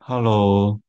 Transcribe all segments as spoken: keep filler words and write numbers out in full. Hello。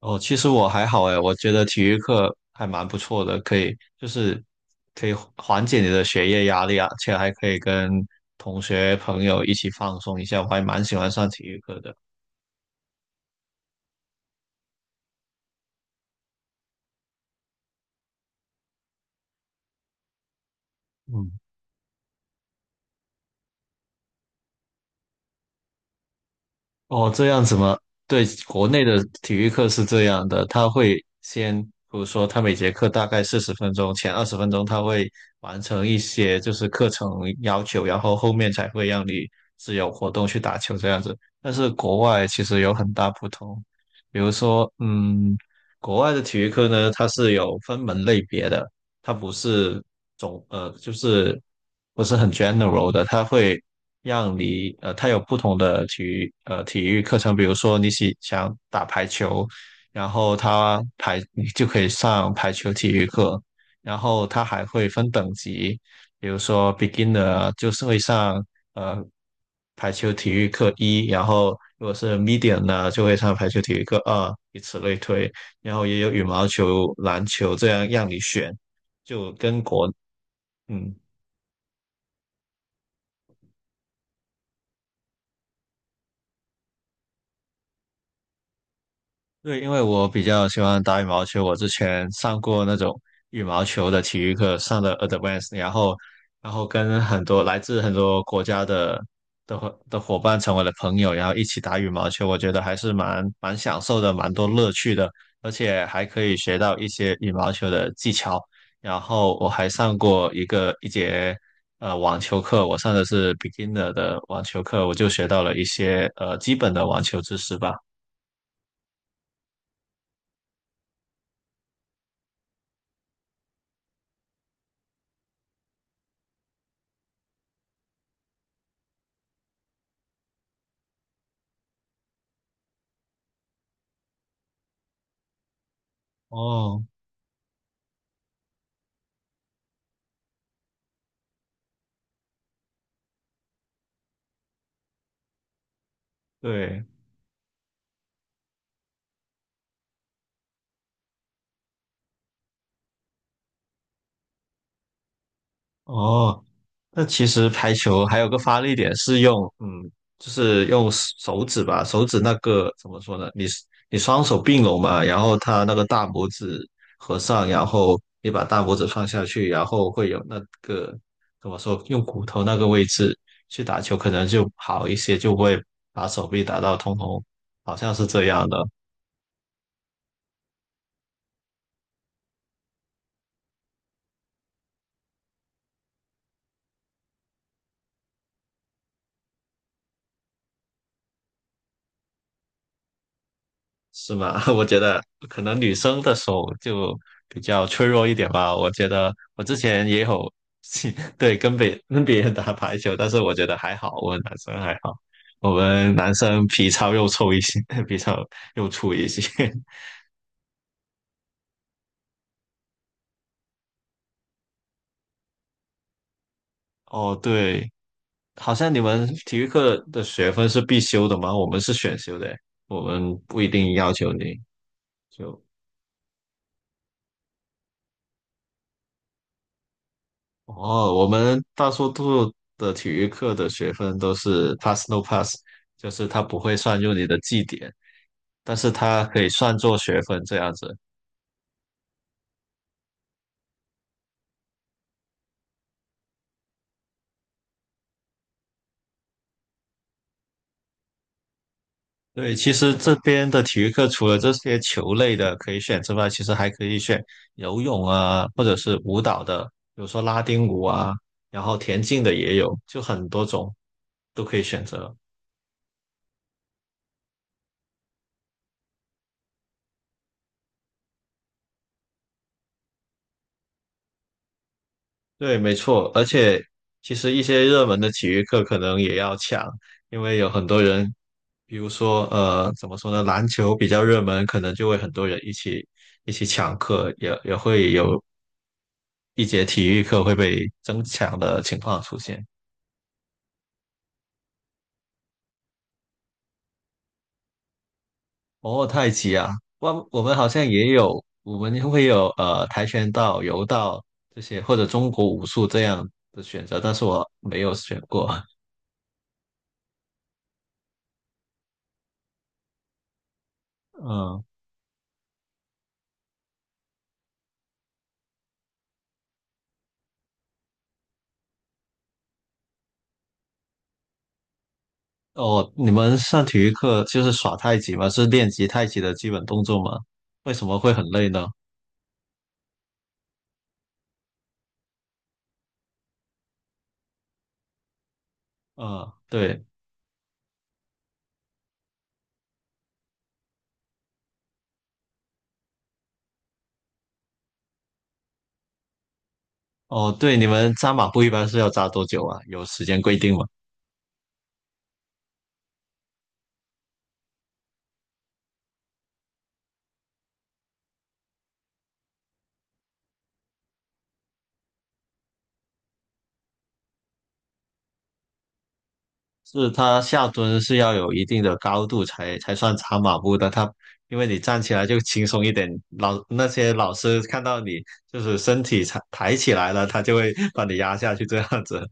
哦，其实我还好诶，我觉得体育课还蛮不错的，可以，就是可以缓解你的学业压力啊，而且还可以跟同学朋友一起放松一下，我还蛮喜欢上体育课的。嗯，哦，这样子吗？对，国内的体育课是这样的，他会先，比如说他每节课大概四十分钟，前二十分钟他会完成一些就是课程要求，然后后面才会让你自由活动去打球这样子。但是国外其实有很大不同，比如说，嗯，国外的体育课呢，它是有分门类别的，它不是总，呃，就是不是很 general 的，它会。让你呃，它有不同的体育呃体育课程，比如说你喜想打排球，然后它排你就可以上排球体育课，然后它还会分等级，比如说 beginner 就是会上呃排球体育课一，然后如果是 medium 呢，就会上排球体育课二，以此类推，然后也有羽毛球、篮球这样让你选，就跟国嗯，对，因为我比较喜欢打羽毛球，我之前上过那种羽毛球的体育课，上的 advanced，然后然后跟很多来自很多国家的的伙的伙伴成为了朋友，然后一起打羽毛球，我觉得还是蛮蛮享受的，蛮多乐趣的，而且还可以学到一些羽毛球的技巧。然后我还上过一个一节呃网球课，我上的是 beginner 的网球课，我就学到了一些呃基本的网球知识吧。哦，对。哦，那其实排球还有个发力点是用，嗯，就是用手指吧，手指那个怎么说呢？你你双手并拢嘛，然后他那个大拇指合上，然后你把大拇指放下去，然后会有那个怎么说？用骨头那个位置去打球可能就好一些，就不会把手臂打到通红，好像是这样的。是吗？我觉得可能女生的手就比较脆弱一点吧。我觉得我之前也有 对，跟别跟别人打排球，但是我觉得还好，我们男生还好，我们男生皮糙肉臭一些，皮糙肉粗一些。哦，对，好像你们体育课的学分是必修的吗？我们是选修的，我们不一定要求你。就哦，我们大多数的体育课的学分都是 pass no pass，就是它不会算入你的绩点，但是它可以算作学分这样子。对，其实这边的体育课除了这些球类的可以选之外，其实还可以选游泳啊，或者是舞蹈的，比如说拉丁舞啊，然后田径的也有，就很多种都可以选择。对，没错，而且其实一些热门的体育课可能也要抢，因为有很多人，比如说呃，怎么说呢，篮球比较热门，可能就会很多人一起一起抢课，也也会有一节体育课会被争抢的情况出现。哦，太极啊，我我们好像也有，我们会有呃跆拳道、柔道这些，或者中国武术这样的选择，但是我没有选过。嗯，哦，你们上体育课就是耍太极吗？是练习太极的基本动作吗？为什么会很累呢？嗯，对，哦，对，你们扎马步一般是要扎多久啊？有时间规定吗？是它下蹲是要有一定的高度才才算扎马步的，它因为你站起来就轻松一点，老那些老师看到你就是身体抬抬起来了，他就会把你压下去这样子。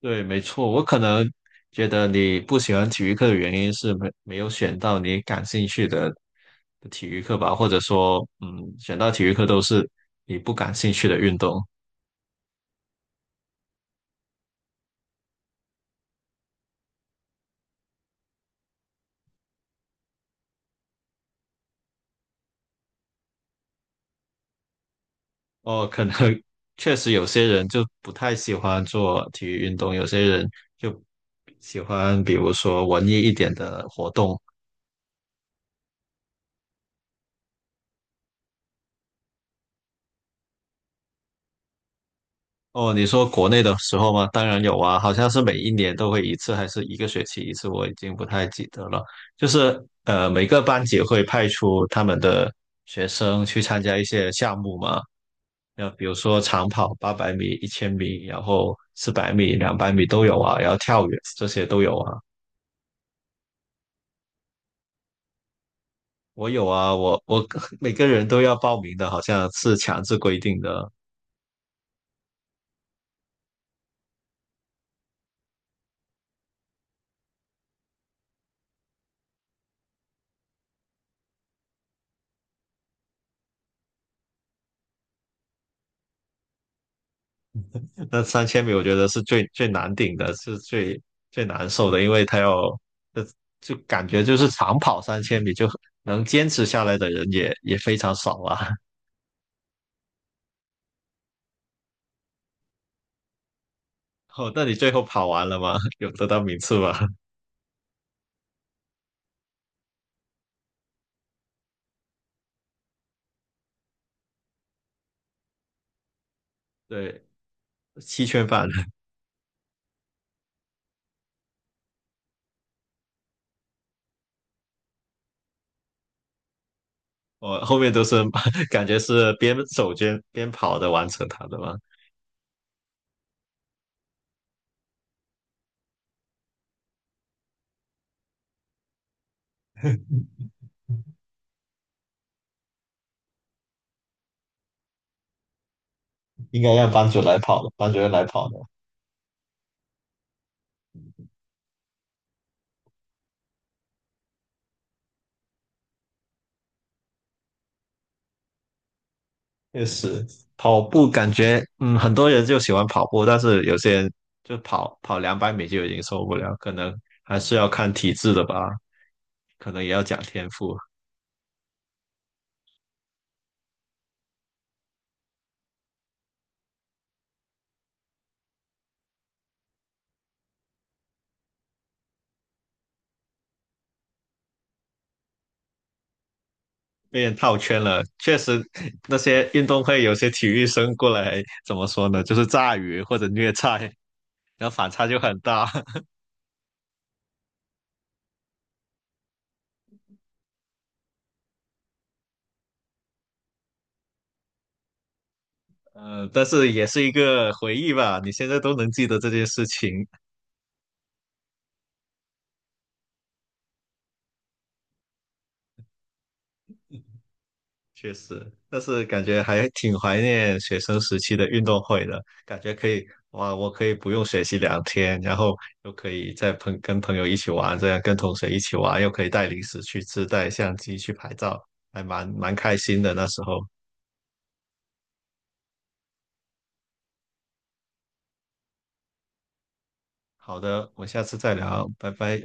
对，没错，我可能觉得你不喜欢体育课的原因是没没有选到你感兴趣的的体育课吧，或者说，嗯，选到体育课都是你不感兴趣的运动。哦，可能 确实有些人就不太喜欢做体育运动，有些人就喜欢比如说文艺一点的活动，哦，你说国内的时候吗？当然有啊，好像是每一年都会一次，还是一个学期一次，我已经不太记得了。就是呃，每个班级会派出他们的学生去参加一些项目嘛，那比如说长跑八百米、一千米，然后四百米、两百米都有啊，然后跳远这些都有啊。我有啊，我我 每个人都要报名的，好像是强制规定的。那三千米我觉得是最最难顶的，是最最难受的，因为他要，呃就感觉就是长跑三千米就能坚持下来的人也也非常少啊。哦，那你最后跑完了吗？有得到名次吗？对，七圈半，我后面都是 感觉是边走边边跑的完成它的嘛，应该让班主来跑的，班主任来跑的。确实，跑步感觉，嗯，很多人就喜欢跑步，但是有些人就跑跑两百米就已经受不了，可能还是要看体质的吧，可能也要讲天赋。被人套圈了，确实，那些运动会有些体育生过来，怎么说呢，就是炸鱼或者虐菜，然后反差就很大。呃，但是也是一个回忆吧，你现在都能记得这件事情，确实，但是感觉还挺怀念学生时期的运动会的，感觉可以，哇，我可以不用学习两天，然后又可以在朋跟朋友一起玩，这样跟同学一起玩，又可以带零食去吃，带相机去拍照，还蛮蛮开心的那时候。好的，我们下次再聊，拜拜。